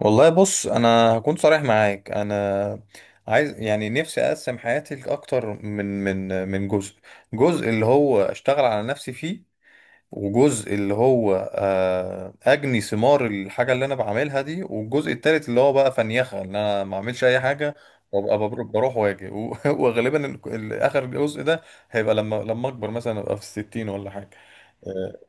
والله بص، انا هكون صريح معاك. انا عايز يعني نفسي اقسم حياتي لاكتر من جزء. جزء اللي هو اشتغل على نفسي فيه، وجزء اللي هو اجني ثمار الحاجه اللي انا بعملها دي، والجزء التالت اللي هو بقى فنيخه ان انا ما اعملش اي حاجه، وابقى بروح واجي وغالبا اخر جزء ده هيبقى لما اكبر، مثلا ابقى في الستين ولا حاجه. آه،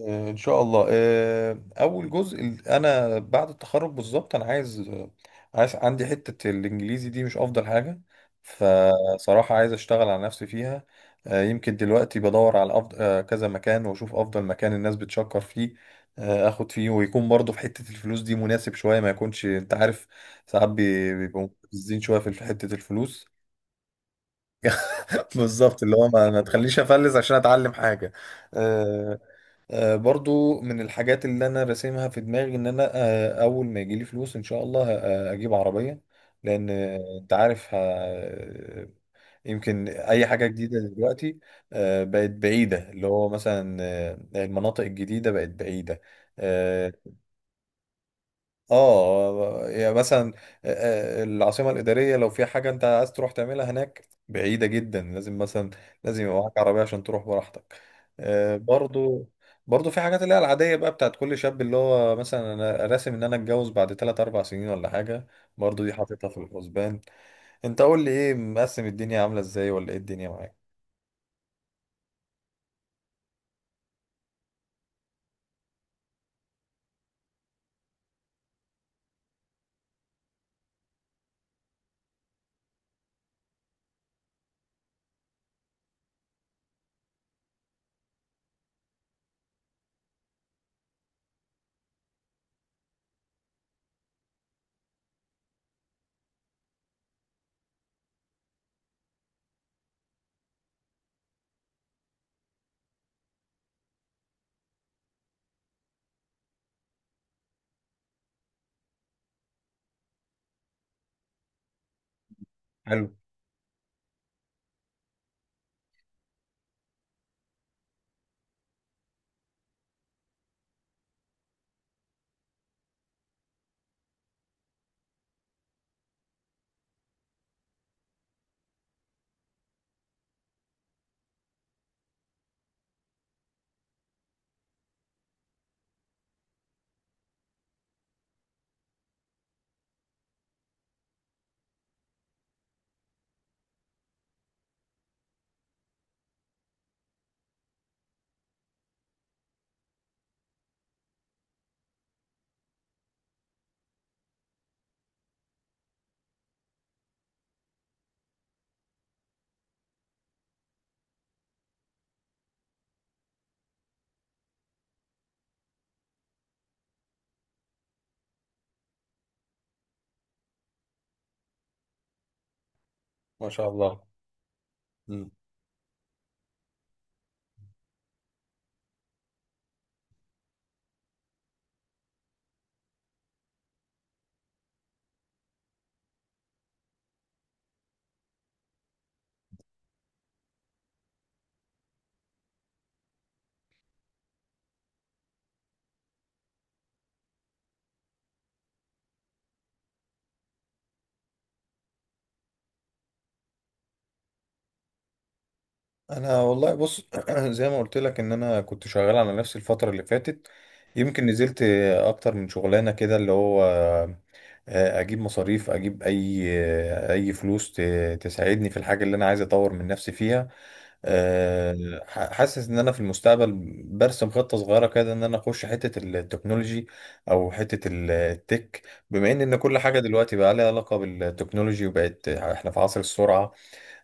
ان شاء الله. اول جزء، انا بعد التخرج بالظبط انا عايز، عايز، عندي حتة الانجليزي دي مش افضل حاجة، فصراحة عايز اشتغل على نفسي فيها. يمكن دلوقتي بدور على أفضل، كذا مكان، واشوف افضل مكان الناس بتشكر فيه اخد فيه، ويكون برضه في حتة الفلوس دي مناسب شوية، ما يكونش، انت عارف، ساعات بيبقوا مستفزين شوية في حتة الفلوس. بالظبط، اللي هو ما تخلينيش افلس عشان اتعلم حاجة. آه، برضو من الحاجات اللي انا راسمها في دماغي ان انا، اول ما يجيلي فلوس ان شاء الله، اجيب عربية، لان، انت عارف، يمكن اي حاجة جديدة دلوقتي بقت بعيدة، اللي هو مثلا المناطق الجديدة بقت بعيدة. آه، اه يعني مثلا، العاصمة الإدارية لو في حاجة أنت عايز تروح تعملها هناك بعيدة جدا، لازم مثلا، لازم يبقى معاك عربية عشان تروح براحتك. برضو، برضو في حاجات اللي هي العادية بقى بتاعت كل شاب، اللي هو مثلا أنا راسم إن أنا أتجوز بعد 3 4 سنين ولا حاجة، برضو دي حاططها في الحسبان. أنت قول لي، إيه مقسم الدنيا؟ عاملة إزاي؟ ولا إيه الدنيا معاك؟ حلو. ما شاء الله. إمم. انا والله بص، زي ما قلت لك، ان انا كنت شغال على نفسي الفتره اللي فاتت. يمكن نزلت اكتر من شغلانه كده، اللي هو اجيب مصاريف، اجيب اي فلوس تساعدني في الحاجه اللي انا عايز اطور من نفسي فيها. حاسس ان انا في المستقبل برسم خطه صغيره كده، ان انا اخش حته التكنولوجي او حته التك، بما ان كل حاجه دلوقتي بقى لها علاقه بالتكنولوجي، وبقت احنا في عصر السرعه.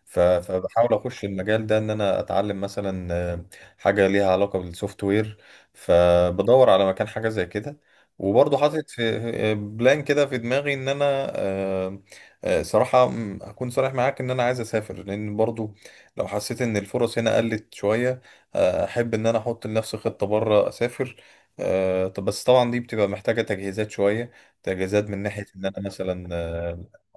فبحاول اخش المجال ده، ان انا اتعلم مثلا حاجه ليها علاقه بالسوفت وير، فبدور على مكان حاجه زي كده. وبرضه حاطط بلان كده في دماغي ان انا، آه، صراحه اكون صريح معاك، ان انا عايز اسافر، لان برضه لو حسيت ان الفرص هنا قلت شويه، احب ان انا احط لنفسي خطه بره، اسافر. طب بس طبعا دي بتبقى محتاجه تجهيزات شويه. تجهيزات من ناحيه ان انا مثلا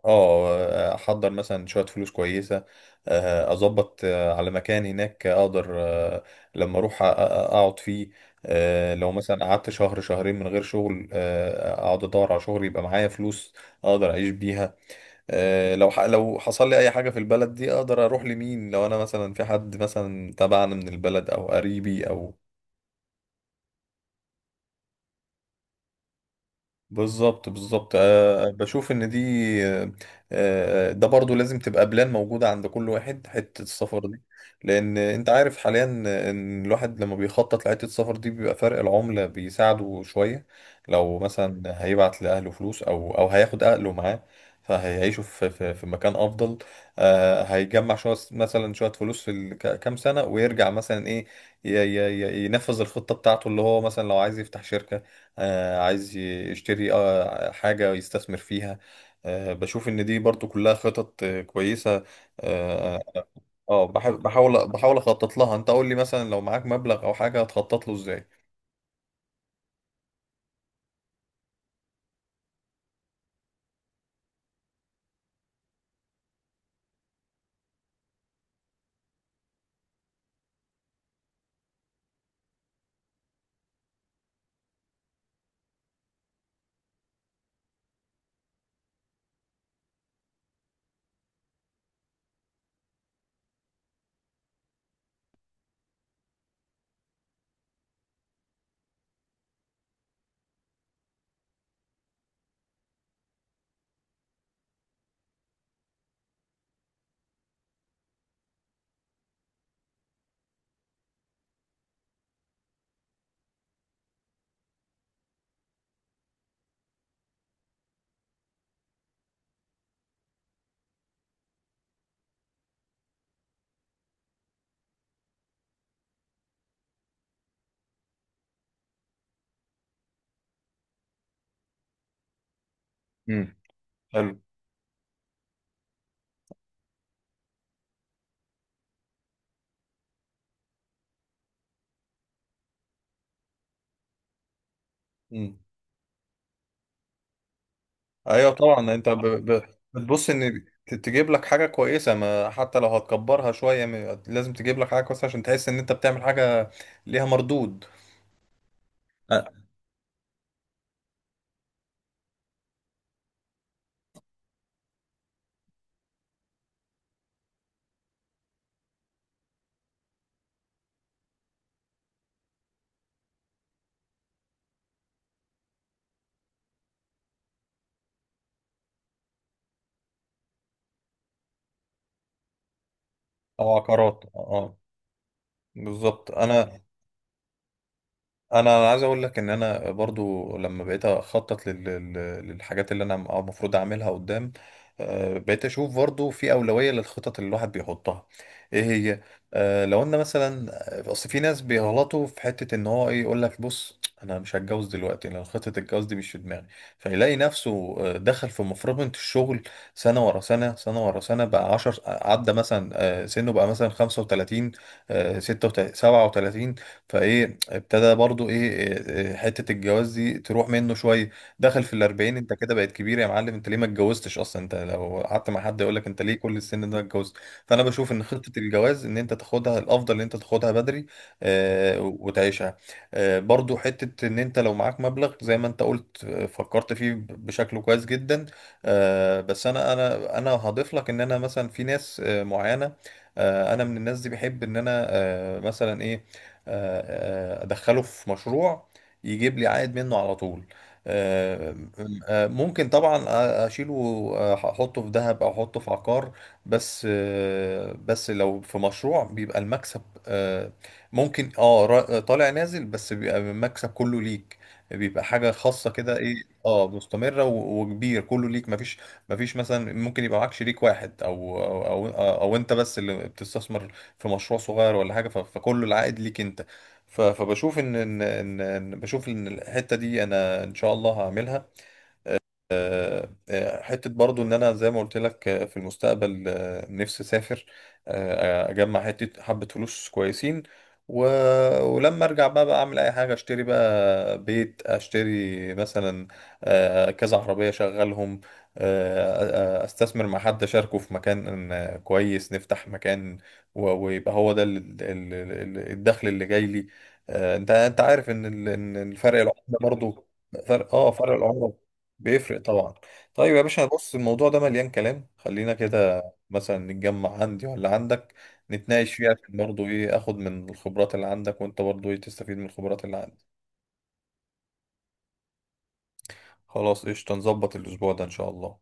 اه احضر مثلا شويه فلوس كويسه، اظبط على مكان هناك اقدر لما اروح اقعد فيه. لو مثلا قعدت شهر شهرين من غير شغل، اقعد ادور على شغل، يبقى معايا فلوس اقدر اعيش بيها. لو لو حصل لي اي حاجه في البلد دي، اقدر اروح لمين؟ لو انا مثلا في حد مثلا تبعنا من البلد او قريبي او. بالظبط، بالظبط. بشوف ان دي آه، ده برضو لازم تبقى بلان موجودة عند كل واحد، حتة السفر دي. لان انت عارف حاليا ان الواحد لما بيخطط لحتة السفر دي، بيبقى فرق العملة بيساعده شوية. لو مثلا هيبعت لأهله فلوس، او هياخد أهله معاه، فهيعيشوا في مكان افضل. هيجمع شويه، مثلا شويه فلوس في كام سنه، ويرجع مثلا ايه، ينفذ الخطه بتاعته، اللي هو مثلا لو عايز يفتح شركه، عايز يشتري حاجة يستثمر فيها. بشوف إن دي برضو كلها خطط كويسة. اه بحاول أخطط لها. أنت قول لي مثلا، لو معاك مبلغ أو حاجة، هتخطط له إزاي؟ مم. حلو. مم. أيوه طبعا، أنت بتبص إن تجيب لك حاجة كويسة، ما حتى لو هتكبرها شوية لازم تجيب لك حاجة كويسة عشان تحس إن أنت بتعمل حاجة ليها مردود. آه، أو عقارات، أه. بالظبط. أنا، انا عايز اقول لك ان انا برضو لما بقيت اخطط للحاجات اللي انا المفروض اعملها قدام، بقيت اشوف برضو في اولوية للخطط اللي الواحد بيحطها، ايه هي. لو انا مثلا اصل في ناس بيغلطوا في حتة، ان هو ايه، يقول لك بص انا مش هتجوز دلوقتي لان خطة الجواز دي مش في دماغي. فيلاقي نفسه دخل في مفرمة الشغل، سنة ورا سنة، سنة ورا سنة، بقى 10 عدى، مثلا سنه بقى مثلا 35، 36، 37، فايه ابتدى برضو ايه، إيه، حتة الجواز دي تروح منه شوية. دخل في الأربعين، انت كده بقت كبير يا معلم. انت ليه ما اتجوزتش اصلا؟ انت لو قعدت مع حد يقولك، انت ليه كل السن ده ما اتجوزت؟ فانا بشوف ان خطة الجواز، ان انت تاخدها، الافضل ان انت تاخدها بدري آه، وتعيشها. آه، برضو حتة ان انت لو معاك مبلغ زي ما انت قلت، فكرت فيه بشكل كويس جدا. آه بس انا هضيف لك ان انا مثلا في ناس آه معينة، آه انا من الناس دي بحب ان انا آه مثلا ايه، ادخله في مشروع يجيب لي عائد منه على طول. آه، ممكن طبعا اشيله، احطه في ذهب او احطه في عقار. بس لو في مشروع بيبقى المكسب ممكن طالع نازل، بس بيبقى المكسب كله ليك، بيبقى حاجة خاصة كده. ايه، اه، مستمرة وكبير، كله ليك، مفيش مثلا، ممكن يبقى معاك شريك واحد او او، أو انت بس اللي بتستثمر في مشروع صغير ولا حاجه. فكل العائد ليك انت. ف- فبشوف ان ان ان إن- بشوف ان الحته دي انا ان شاء الله هعملها. حتة برضو، ان انا زي ما قلت لك في المستقبل نفسي اسافر، اجمع حتة حبة فلوس كويسين، و... ولما ارجع بقى، اعمل اي حاجة. اشتري بقى بيت، اشتري مثلا كذا عربية اشغلهم، استثمر مع حد، اشاركه في مكان كويس، نفتح مكان، ويبقى هو ده الدخل اللي جاي لي. انت، عارف ان إن الفرق العملة برضو، فرق، فرق العملة بيفرق طبعا. طيب يا باشا، بص الموضوع ده مليان كلام، خلينا كده مثلا نتجمع عندي ولا عندك، نتناقش فيها عشان برضه ايه، اخد من الخبرات اللي عندك، وانت برضه ايه، تستفيد من الخبرات اللي عندي. خلاص، قشطة، نظبط الاسبوع ده ان شاء الله.